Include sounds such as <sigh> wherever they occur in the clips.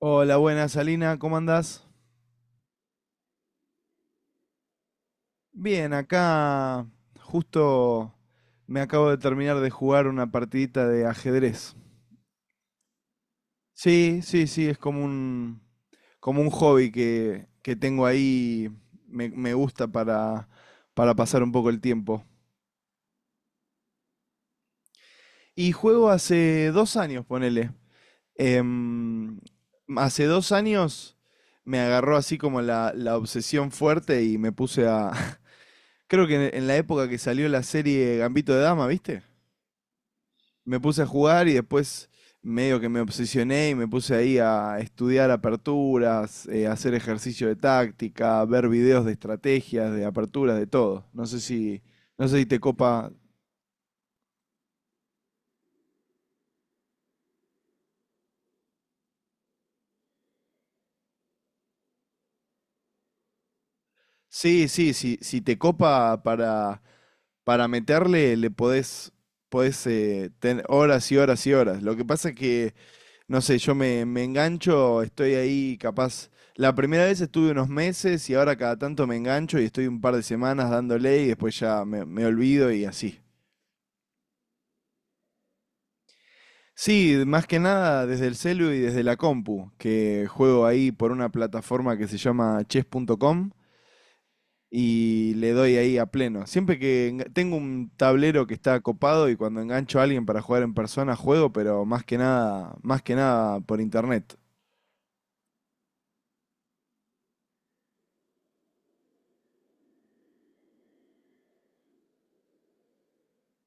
Hola, buenas, Alina, ¿cómo andás? Bien, acá justo me acabo de terminar de jugar una partidita de ajedrez. Sí, sí, sí, es como un hobby que tengo ahí, me gusta para pasar un poco el tiempo. Y juego hace 2 años, ponele. Em, Hace 2 años me agarró así como la obsesión fuerte y me puse a. Creo que en la época que salió la serie Gambito de Dama, ¿viste? Me puse a jugar y después medio que me obsesioné y me puse ahí a estudiar aperturas, hacer ejercicio de táctica, ver videos de estrategias, de aperturas, de todo. No sé si te copa. Sí, sí, sí, si te copa para meterle, le podés tener horas y horas y horas. Lo que pasa es que no sé, yo me engancho, estoy ahí capaz. La primera vez estuve unos meses y ahora cada tanto me engancho y estoy un par de semanas dándole y después ya me olvido y así. Sí, más que nada desde el celu y desde la compu, que juego ahí por una plataforma que se llama chess.com y le doy ahí a pleno. Siempre que enga- tengo un tablero que está copado y cuando engancho a alguien para jugar en persona juego, pero más que nada por internet.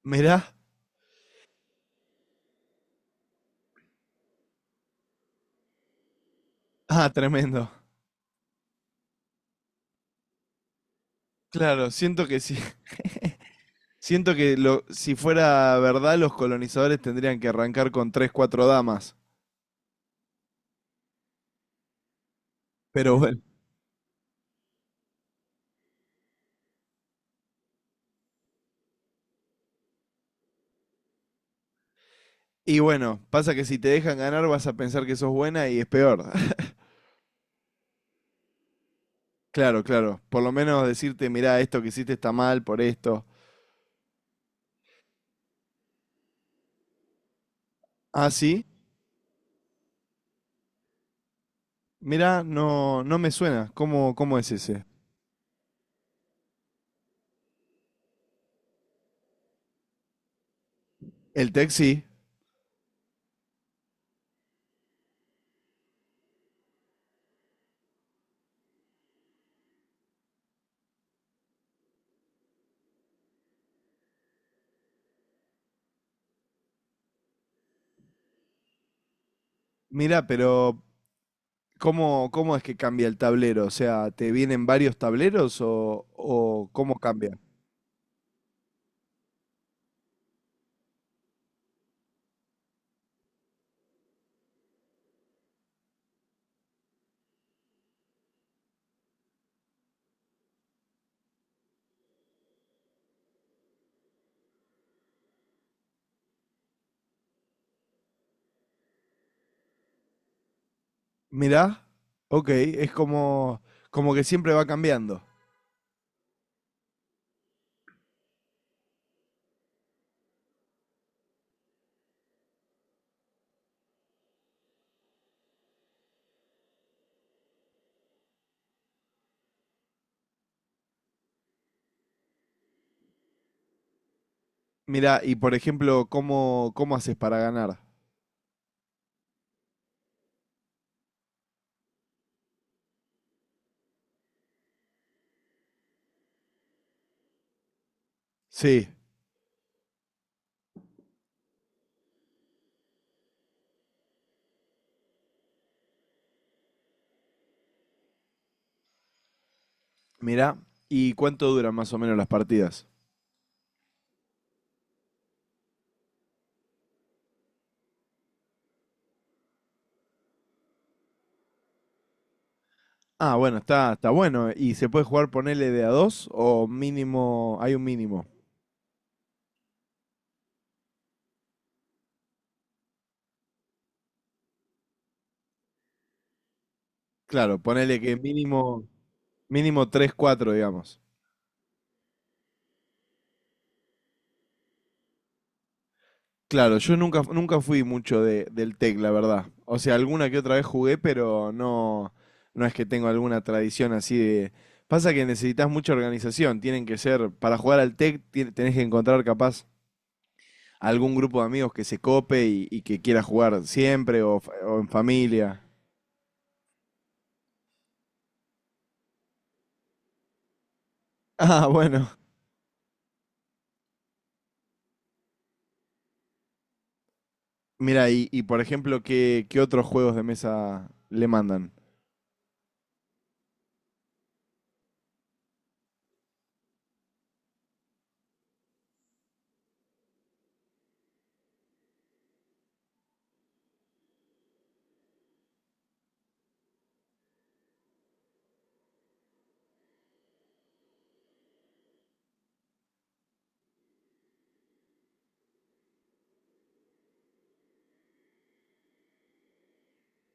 Mirá, ah, tremendo. Claro, siento que sí. <laughs> Siento que, lo, si fuera verdad, los colonizadores tendrían que arrancar con tres, cuatro damas. Pero bueno. Y bueno, pasa que si te dejan ganar vas a pensar que sos buena y es peor. <laughs> Claro, claro. Por lo menos decirte, mirá, esto que hiciste está mal por esto. Ah, sí. Mirá, no, no me suena. ¿Cómo es ese? El tech, sí. Mirá, pero ¿cómo es que cambia el tablero? O sea, ¿te vienen varios tableros o cómo cambia? Mirá, ok, es como que siempre va cambiando. Mirá, y por ejemplo, ¿cómo haces para ganar? Sí, mirá, ¿y cuánto duran más o menos las partidas? Ah, bueno, está bueno. ¿Y se puede jugar ponele de a dos o mínimo, hay un mínimo? Claro, ponele que mínimo tres cuatro, digamos. Claro, yo nunca, nunca fui mucho de, del tec, la verdad. O sea, alguna que otra vez jugué, pero no, no es que tengo alguna tradición así de. Pasa que necesitas mucha organización, tienen que ser, para jugar al tec ti- tenés que encontrar capaz algún grupo de amigos que se cope y que quiera jugar siempre o en familia. <laughs> Ah, bueno. Mira, y por ejemplo, ¿qué otros juegos de mesa le mandan?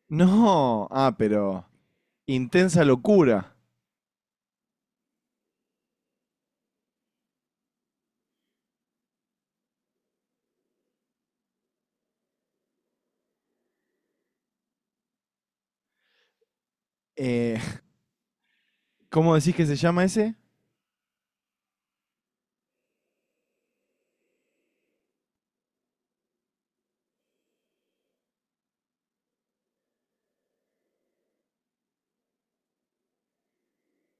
No, ah, pero. Intensa locura. Eh, <laughs> ¿Cómo decís que se llama ese?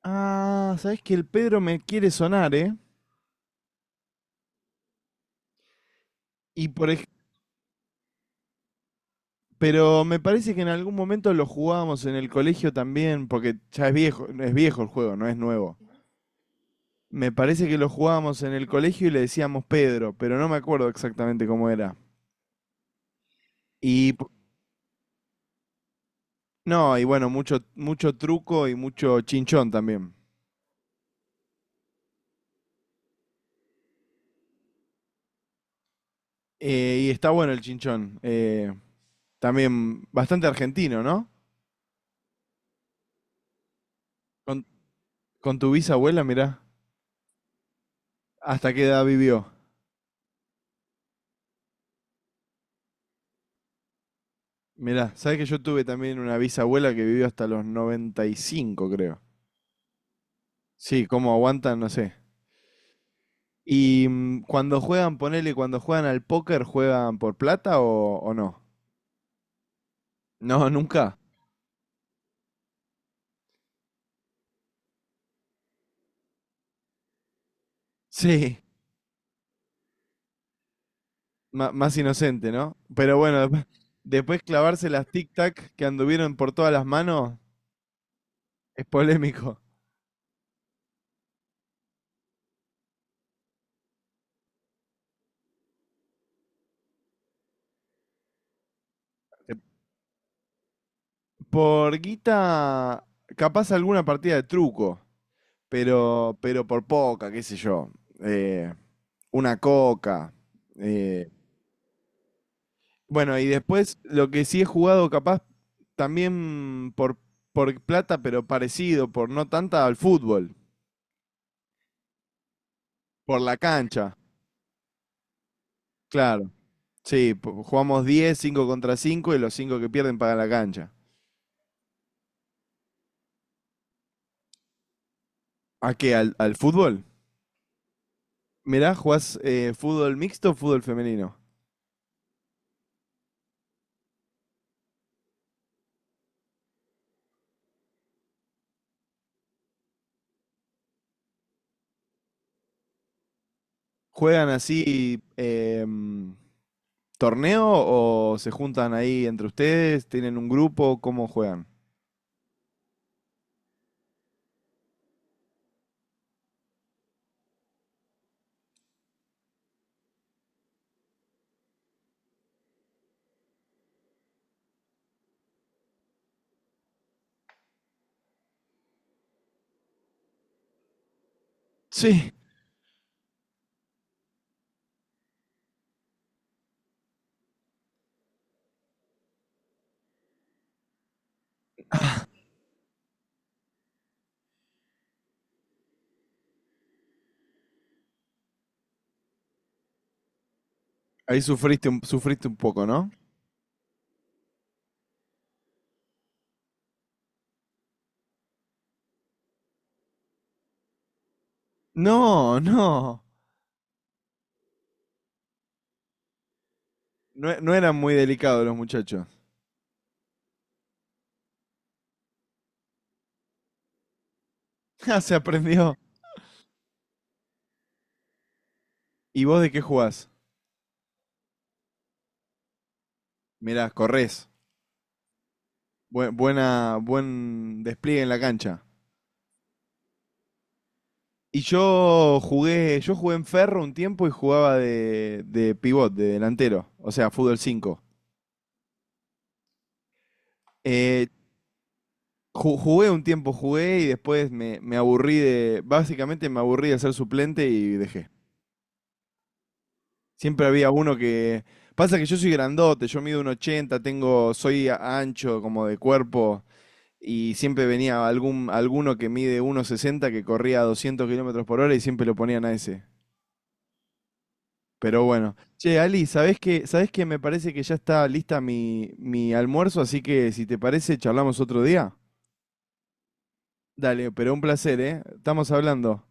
Ah, sabes que el Pedro me quiere sonar, ¿eh? Y por ej- pero me parece que en algún momento lo jugábamos en el colegio también, porque ya es viejo el juego, no es nuevo. Me parece que lo jugábamos en el colegio y le decíamos Pedro, pero no me acuerdo exactamente cómo era. Y p- no, y bueno, mucho, mucho truco y mucho chinchón también. Y está bueno el chinchón. También bastante argentino, ¿no? Con, con tu bisabuela, mirá, hasta qué edad vivió. Mirá, sabes que yo tuve también una bisabuela que vivió hasta los 95, creo. Sí, cómo aguantan, no sé. Y cuando juegan, ponele, cuando juegan al póker, ¿juegan por plata o no? No, nunca. Sí, ma- más inocente, ¿no? Pero bueno, después, clavarse las tic-tac que anduvieron por todas las manos, es polémico. Eh, Por guita, capaz alguna partida de truco, pero por poca, qué sé yo. Eh, una coca. eh, bueno, y después lo que sí he jugado capaz también por plata, pero parecido, por no tanta, al fútbol, por la cancha, claro. Sí, po- jugamos 10, 5 contra cinco, y los 5 que pierden pagan la cancha. ¿A qué? ¿Al fútbol? Mirá, ¿jugás fútbol mixto o fútbol femenino? ¿Juegan así torneo o se juntan ahí entre ustedes? ¿Tienen un grupo? ¿Cómo juegan? Sí, ahí sufriste un poco, ¿no? No, no. No, no eran muy delicados los muchachos. <laughs> Ah, se aprendió. ¿Y vos de qué jugás? Mirá, corres. Buen despliegue en la cancha. Y yo jugué en Ferro un tiempo y jugaba de pivot, de delantero, o sea, fútbol 5. Eh, jugué un tiempo, jugué y después me aburrí de, básicamente me aburrí de ser suplente y dejé. Siempre había uno que. Pasa que yo soy grandote, yo mido un 80, soy ancho como de cuerpo, y siempre venía alguno que mide 1,60, que corría a 200 kilómetros por hora, y siempre lo ponían a ese. Pero bueno. Che, Ali, ¿sabés qué? ¿Sabés qué? Me parece que ya está lista mi almuerzo, así que si te parece, charlamos otro día. Dale, pero un placer, ¿eh? Estamos hablando.